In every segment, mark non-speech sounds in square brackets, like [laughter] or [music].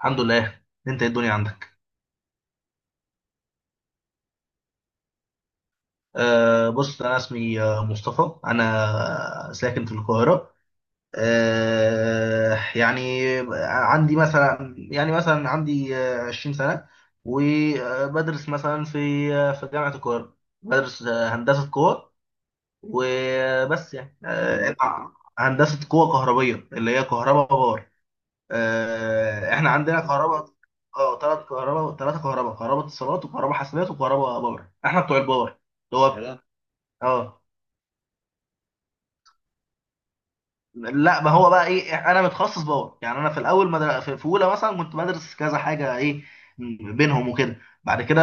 الحمد لله. انت ايه الدنيا عندك؟ بص انا اسمي مصطفى. انا ساكن في القاهره. أه يعني عندي مثلا عندي 20 سنه، وبدرس مثلا في في جامعه القاهره. بدرس هندسه قوى. وبس يعني. هندسه قوى كهربيه اللي هي كهرباء باور. احنا عندنا كهرباء. اه، ثلاث كهرباء، ثلاثه كهرباء كهرباء اتصالات وكهرباء حاسبات وكهرباء باور. احنا بتوع الباور اللي هو كده. اه، لا، ما هو بقى ايه، انا متخصص باور. يعني انا في الاول مدر... في في اولى مثلا كنت بدرس كذا حاجه ايه بينهم وكده. بعد كده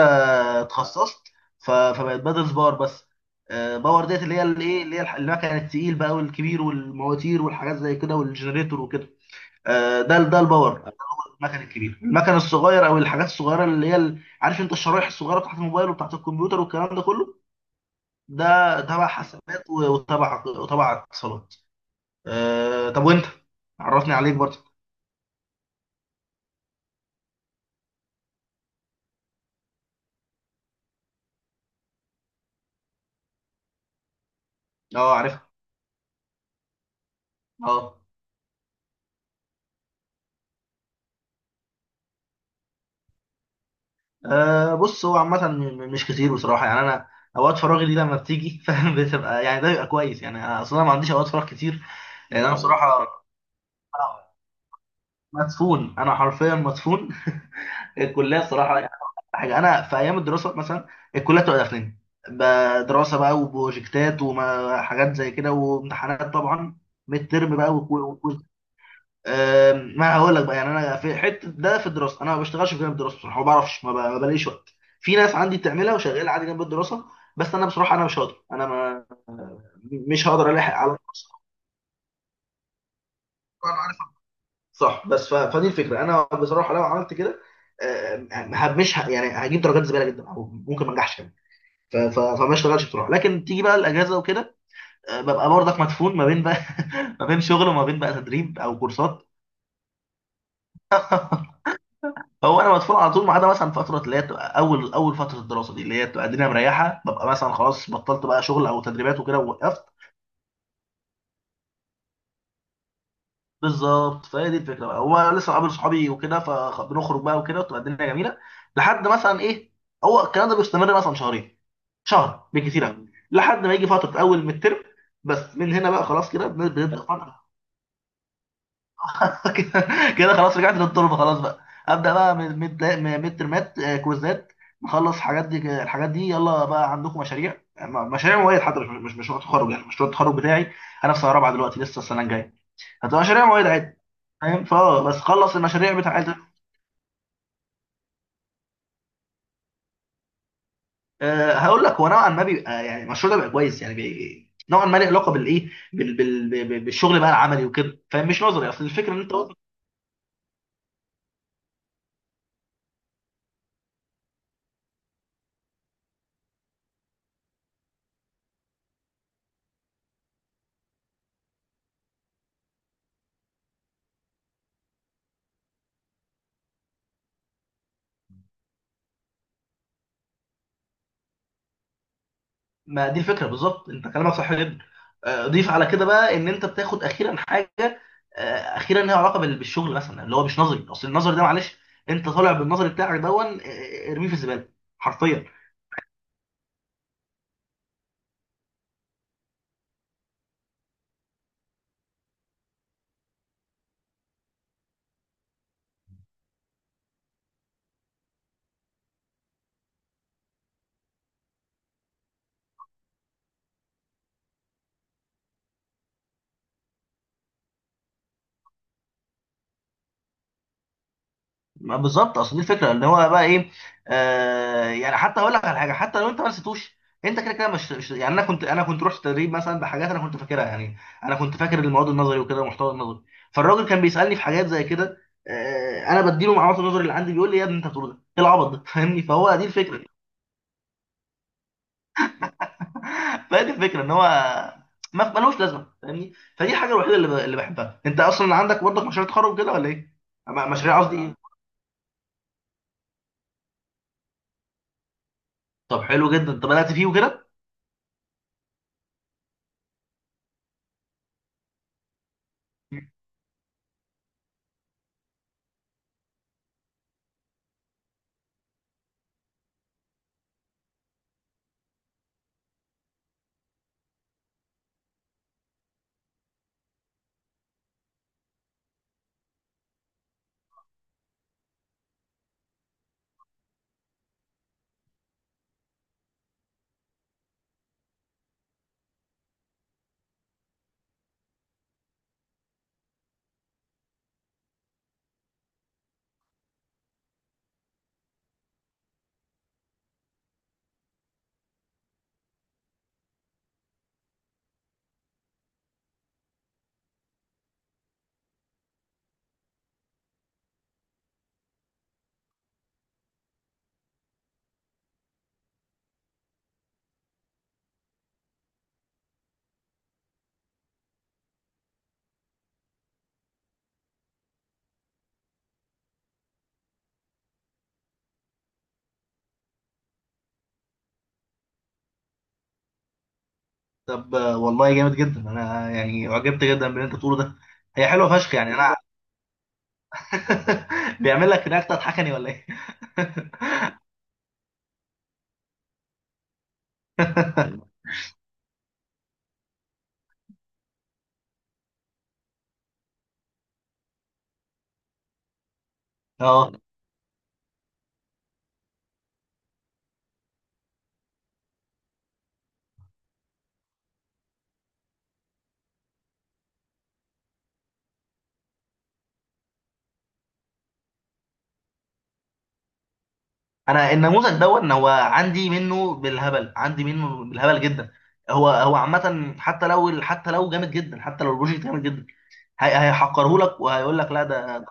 اتخصصت. فبقيت بدرس باور بس. باور ديت اللي هي الايه اللي هي الح- المكنه التقيل بقى والكبير والمواتير والحاجات زي كده والجنريتور وكده. ده الباور. المكن الكبير المكن الصغير او الحاجات الصغيره اللي هي عارف انت الشرايح الصغيره بتاعت الموبايل وبتاعت الكمبيوتر والكلام ده كله. ده تبع حسابات وتبع اتصالات. آه طب وانت؟ عرفني عليك برضه. اه، عارفها. اه. بص، هو عامه مش كتير بصراحه. يعني انا اوقات فراغي دي لما بتيجي [laughs] فاهم، بتبقى يعني ده بيبقى كويس. يعني انا اصلا ما عنديش اوقات فراغ كتير. لان انا بصراحه مدفون. انا حرفيا مدفون الكليه، الصراحه يعني حاجه. انا في ايام الدراسه مثلا الكليه بتبقى داخلين دراسه بقى وبروجكتات وحاجات زي كده وامتحانات طبعا، ميد ترم بقى وكويز. ما هقول لك بقى، يعني انا في حته ده في الدراسه انا ما بشتغلش في جانب الدراسه. بصراحه ما بعرفش، ما ما بلاقيش وقت. في ناس عندي بتعملها وشغاله عادي جنب الدراسه، بس انا بصراحه انا مش هقدر. انا ما مش هقدر الاحق على. أنا عارف، صح. بس فدي الفكره. انا بصراحه لو عملت كده أم، ه- مش ه... يعني هجيب درجات زباله جدا، او ممكن ما انجحش كمان. فما اشتغلش بصراحه. لكن تيجي بقى الاجازه وكده، ببقى برضك مدفون ما بين بقى [laughs] ما بين شغل وما بين بقى تدريب او كورسات. هو انا مدفون على طول، ما عدا مثلا فتره اللي هي بتبقى اول فتره الدراسه دي، اللي هي بتبقى الدنيا مريحه. ببقى مثلا خلاص، بطلت بقى شغل او تدريبات وكده ووقفت. بالظبط، فهي دي الفكره بقى. هو لسه قابل صحابي وكده فبنخرج بقى وكده، وتبقى الدنيا جميله لحد مثلا ايه. هو الكلام ده بيستمر مثلا شهرين، شهر بالكتير قوي، لحد ما يجي فتره اول من الترم. بس من هنا بقى خلاص كده بنبدا. [laughs] كده خلاص رجعت للتربه خلاص بقى. ابدا بقى من ميد، ميد ترمات، كويزات. نخلص الحاجات دي، الحاجات دي يلا بقى. عندكم مشاريع مشاريع مواد حتى، مش مشروع تخرج؟ يعني مشروع التخرج بتاعي، انا في سنه رابعه دلوقتي، لسه السنه الجايه هتبقى مشاريع مواد عادي. فاهم؟ فا بس خلص المشاريع بتاعتك. أه هقول لك، هو نوعا ما بيبقى، يعني المشروع ده بيبقى كويس. يعني نوعا ما له علاقه بالايه بال- بال- بال- بالشغل بقى العملي وكده، فاهم؟ مش نظري. اصل الفكره ان انت ما دي الفكره بالظبط، انت كلامك صح جدا. ضيف على كده بقى ان انت بتاخد اخيرا حاجه اخيرا ليها علاقه بالشغل، مثلا اللي هو مش نظري. اصل النظري ده معلش، انت طالع بالنظري بتاعك دون ارميه في الزباله حرفيا. ما بالظبط، اصل دي الفكره ان هو بقى ايه. آه، يعني حتى اقول لك على حاجه، حتى لو انت ما نسيتوش انت كده كده يعني انا كنت رحت تدريب مثلا بحاجات انا كنت فاكرها. يعني انا كنت فاكر المواد النظري وكده والمحتوى النظري. فالراجل كان بيسالني في حاجات زي كده، آه انا بديله معلومات النظري اللي عندي، بيقول لي يا ابني انت بتقول ده، ايه العبط ده؟ [laughs] فاهمني؟ فهو دي الفكره. [laughs] فهي دي الفكره، ان هو ما ملوش لازمه، فاهمني؟ فدي الحاجه الوحيده اللي اللي بحبها. انت اصلا عندك برضك مشاريع تخرج كده ولا ايه؟ مشاريع قصدي ايه؟ طب حلو جدا، انت بدات فيه وكده. طب والله جامد جدا، انا يعني اعجبت جدا باللي انت بتقوله ده. هي حلوه فشخ، يعني انا. [laughs] بيعمل لك رياكت تضحكني ولا ايه؟ [laughs] اه، انا النموذج دون هو عندي منه بالهبل، عندي منه بالهبل جدا. هو هو عامه، حتى لو جامد جدا، حتى لو البروجكت جامد جدا، هيحقره لك وهيقول لك لا ده،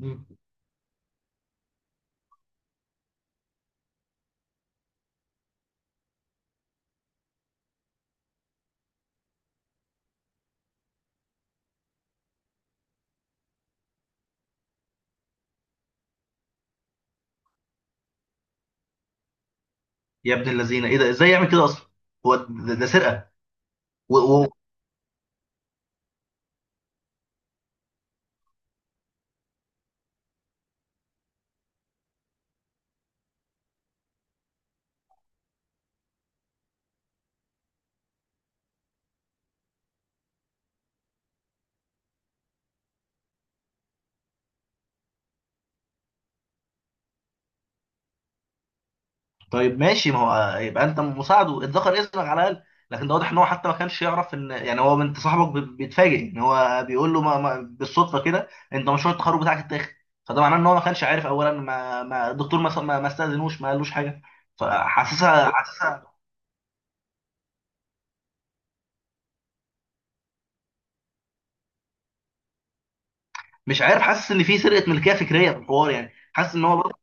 ده- يا ابن اللذينه، ايه ده؟ ازاي يعمل كده اصلا؟ هو ده، ده سرقه. و- و- طيب ماشي، ما هو يبقى انت مساعده اتذكر اسمك على الاقل. لكن ده واضح ان هو حتى ما كانش يعرف، ان يعني هو انت صاحبك بيتفاجئ ان هو بيقول له، ما ما بالصدفه كده انت مشروع التخرج بتاعك اتاخد. فده معناه ان هو ما كانش عارف اولا، ما الدكتور ما استاذنوش، ما قالوش حاجه. فحاسسها مش عارف، حاسس ان في سرقه ملكيه فكريه في الحوار. يعني حاسس ان هو برضه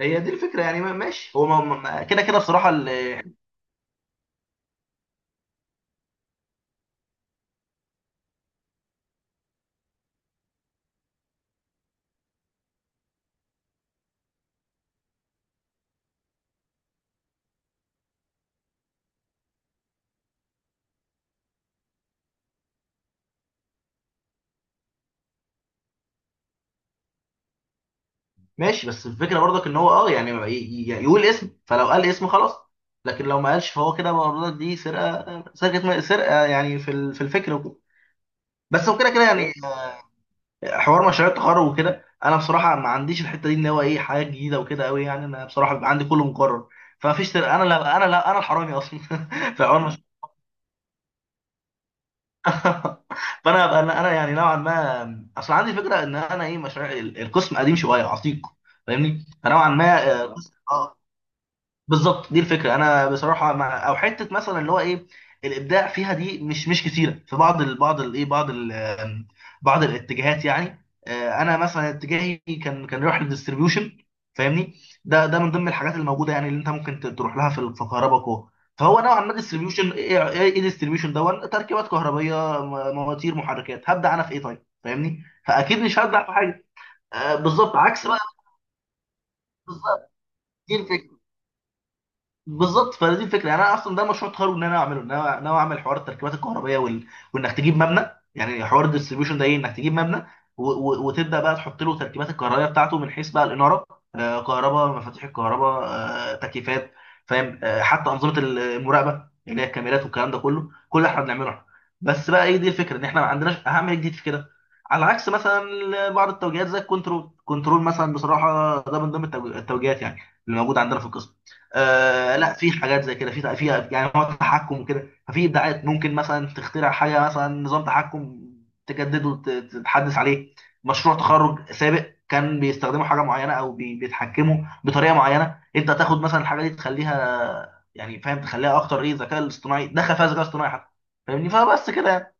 هي دي الفكره. يعني ماشي. هو كده كده بصراحه. ماشي، بس الفكره برضك ان هو اه يعني يعني يقول اسم. فلو قال اسم خلاص، لكن لو ما قالش فهو كده برضك دي سرقه، يعني في في الفكر وكده. بس وكده كده كده يعني حوار مشاريع التخرج وكده، انا بصراحه ما عنديش الحته دي، ان هو ايه حاجه جديده وكده قوي. يعني انا بصراحه بيبقى عندي كله مقرر، فما فيش سرقه. انا لا، انا الحرامي اصلا. [laughs] في حوار فانا انا أنا يعني نوعا ما اصل عندي فكره ان انا ايه مشاريع القسم قديم شويه عتيق، فاهمني؟ فنوعا ما اه بالظبط، دي الفكره. انا بصراحه مع او حته مثلا اللي هو ايه الابداع فيها دي، مش كتيره في بعض ال بعض الايه بعض ال بعض الاتجاهات. يعني انا مثلا اتجاهي كان يروح للديستريبيوشن، فاهمني؟ ده ده من ضمن الحاجات الموجوده يعني، اللي انت ممكن تروح لها في في كهرباء. فهو نوعا ما ديستريبيوشن ايه ايه إيه ديستريبيوشن دون تركيبات كهربائيه، مواتير، محركات. هبدا انا في ايه؟ طيب فاهمني؟ فاكيد مش هبدا في حاجه بالظبط عكس بقى. بالظبط دي الفكره. بالظبط فدي الفكره، يعني انا اصلا ده مشروع تخرج ان انا اعمله. ان انا ناوي اعمل حوار التركيبات الكهربائيه وانك تجيب مبنى. يعني حوار الديستريبيوشن ده ايه، انك تجيب مبنى وتبدا بقى تحط له تركيبات الكهربائيه بتاعته من حيث بقى الاناره، آه كهرباء، مفاتيح الكهرباء، آه تكييفات، فاهم؟ آه حتى انظمه المراقبه اللي هي الكاميرات والكلام ده كله، كل اللي احنا بنعمله احنا. بس بقى ايه دي الفكره، ان احنا ما عندناش اهم حاجه جديد في كده. على عكس مثلا بعض التوجيهات زي الكنترول. كنترول مثلا بصراحه ده من ضمن التوجيهات، يعني اللي موجوده عندنا في القسم. آه لا، في حاجات زي كده، في في يعني هو تحكم وكده، ففي ابداعات، ممكن مثلا تخترع حاجه مثلا نظام تحكم تجدده تتحدث عليه. مشروع تخرج سابق كان بيستخدموا حاجه معينه او بيتحكموا بطريقه معينه. انت تاخد مثلا الحاجه دي تخليها، يعني فاهم؟ تخليها اكتر ايه، ذكاء الاصطناعي دخل فيها، ذكاء اصطناعي حتى، فاهمني؟ فبس كده يعني.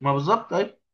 ما بالظبط، أيوة.